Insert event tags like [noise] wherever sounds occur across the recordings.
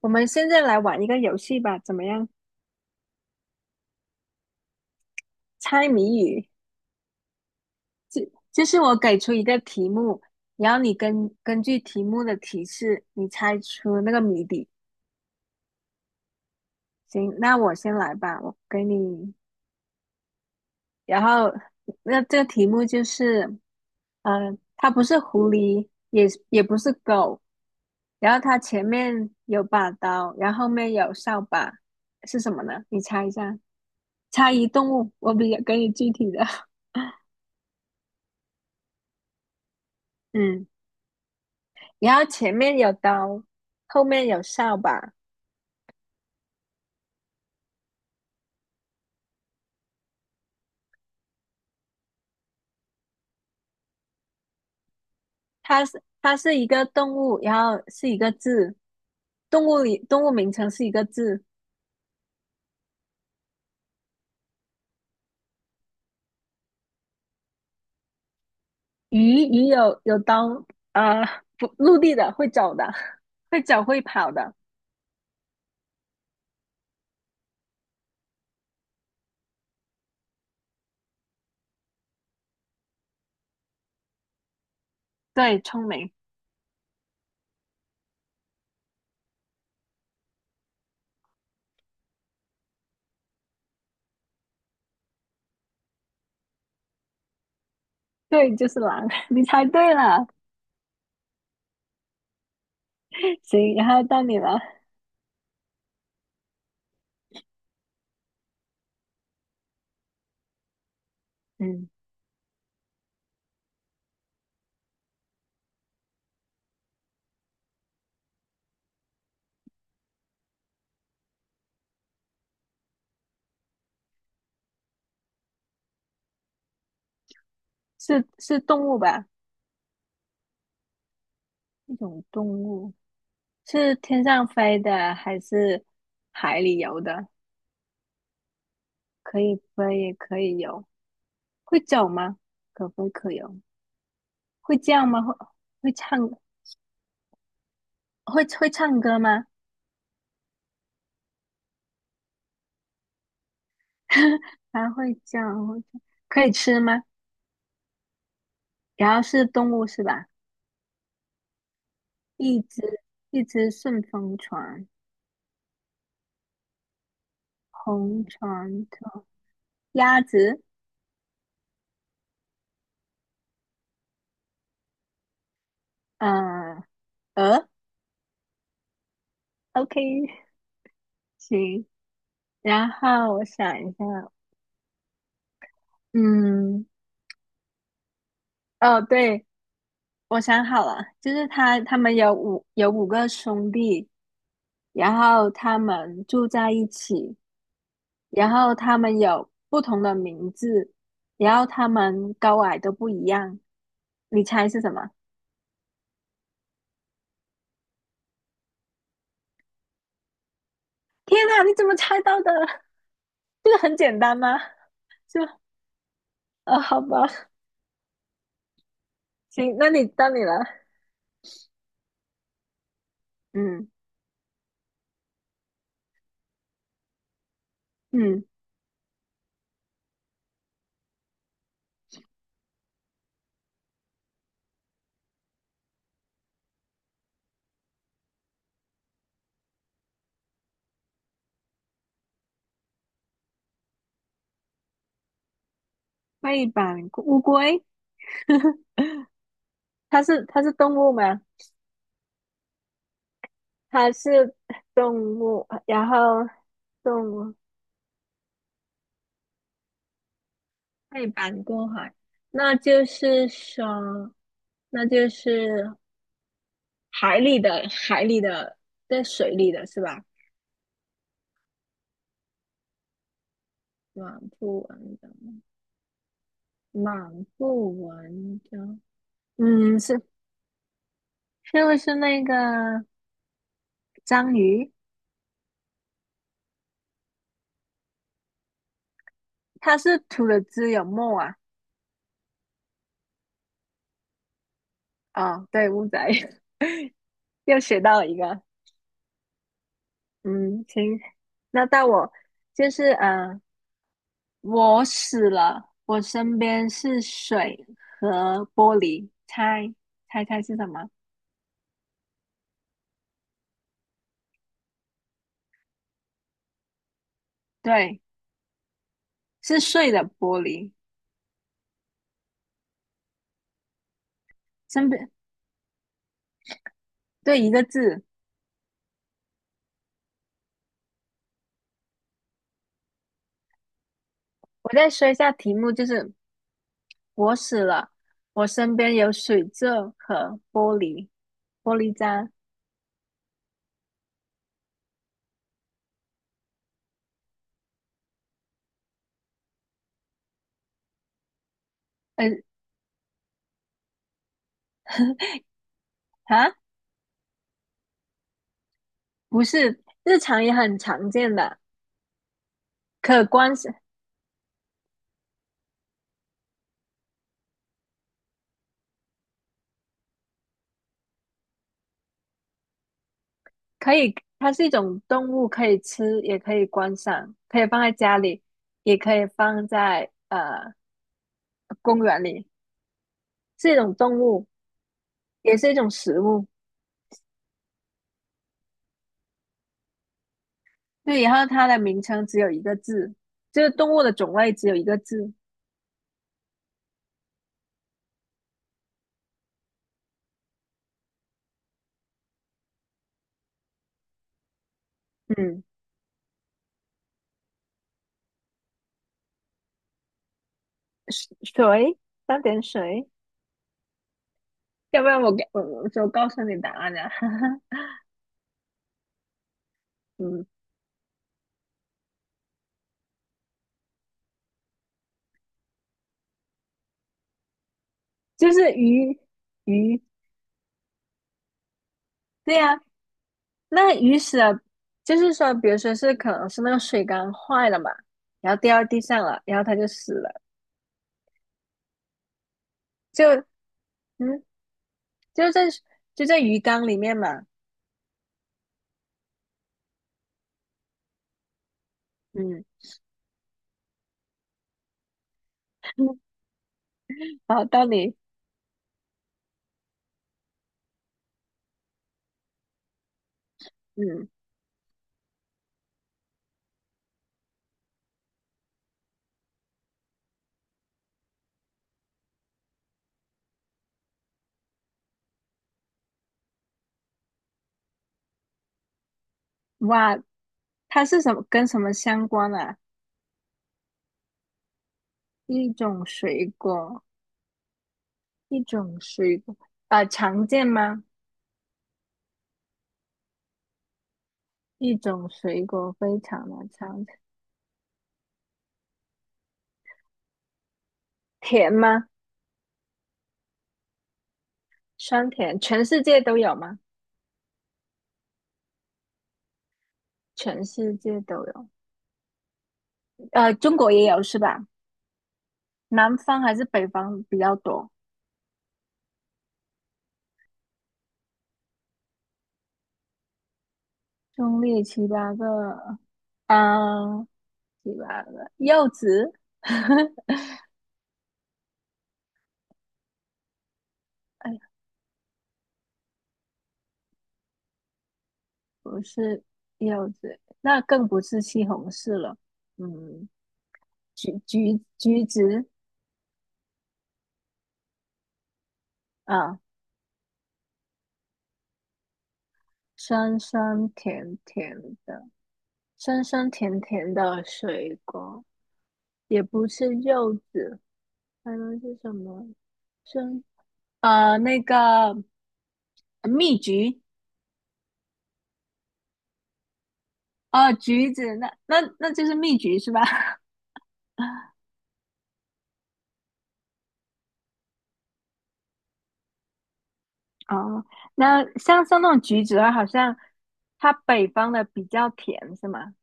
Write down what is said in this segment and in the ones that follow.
我们现在来玩一个游戏吧，怎么样？猜谜语，就就是我给出一个题目，然后你根据题目的提示，你猜出那个谜底。行，那我先来吧，我给你。然后，那这个题目就是，它不是狐狸，也不是狗，然后它前面有把刀，然后后面有扫把，是什么呢？你猜一下，猜一动物，我比较给你具体的。[laughs] 嗯。然后前面有刀，后面有扫把。它是一个动物，然后是一个字，动物里动物名称是一个字。鱼有刀，呃，不，陆地的会走的，[laughs] 会走会跑的。对，聪明，对，就是狼，[laughs] 你猜对了。[laughs] 行，然后到你了。嗯，是动物吧？一种动物是天上飞的还是海里游的？可以飞也可以游。会走吗？可不可以哦？会叫吗？会唱会唱歌吗？[laughs] 还会叫，会叫可以吃吗？然后是动物是吧？一只一只顺风船，红船头，鸭子，呃，鹅，OK，[laughs] 行。然后我想一下，嗯，哦，对，我想好了，就是他们有五个兄弟，然后他们住在一起。然后它们有不同的名字，然后它们高矮都不一样。你猜是什么？天哪，你怎么猜到的？[laughs] 这个很简单吗？就啊，哦好吧，行，那你到你了。嗯嗯，背板乌龟，[laughs] 它是动物吗？它是动物，然后动物背板过海，那就是说，那就是。海里的，在水里的是吧？满不文章，满不文章，嗯，是是不是那个章鱼？它是吐了汁有沫啊？哦，对，乌贼 [laughs] 又学到了一个，嗯，行，那到我就是我死了，我身边是水和玻璃，猜是什么？对，是碎的玻璃，身边对一个字。我再说一下题目，就是我死了，我身边有水渍和玻璃玻璃渣，嗯、啊，不是，日常也很常见的，可观赏，可以，它是一种动物，可以吃，也可以观赏，可以放在家里，也可以放在公园里，是一种动物，也是一种食物。对，然后它的名称只有一个字，就是动物的种类只有一个字，嗯，水，三点水。[laughs] 要不然我给我我就告诉你答案哈。[laughs] 嗯，就是鱼，对呀、那鱼死了，就是说，比如说是可能是那个水缸坏了嘛，然后掉到地上了，然后它就死了，就嗯，就在就在鱼缸里面嘛，嗯，[laughs] 然后到底嗯，哇，它是什么跟什么相关啊？一种水果，一种水果，啊、常见吗？一种水果非常的常见甜吗？酸甜，全世界都有吗？全世界都有，中国也有是吧？南方还是北方比较多？中立七八个，啊，七八个柚子，[laughs] 哎呀，不是柚子，那更不是西红柿了，嗯，橘子啊，酸酸甜甜的，酸酸甜甜的水果，也不是柚子，还能是什么？酸。那个蜜橘，哦，橘子，那就是蜜橘是吧？[laughs] 哦，那像那种橘子的话，好像它北方的比较甜，是吗？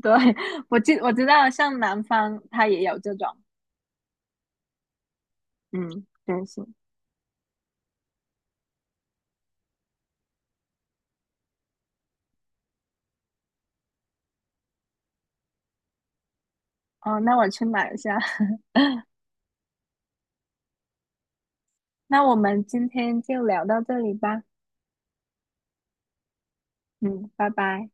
对，[laughs] 我知道，像南方它也有这种，嗯，真是。哦，那我去买一下。[laughs] 那我们今天就聊到这里吧，嗯，拜拜。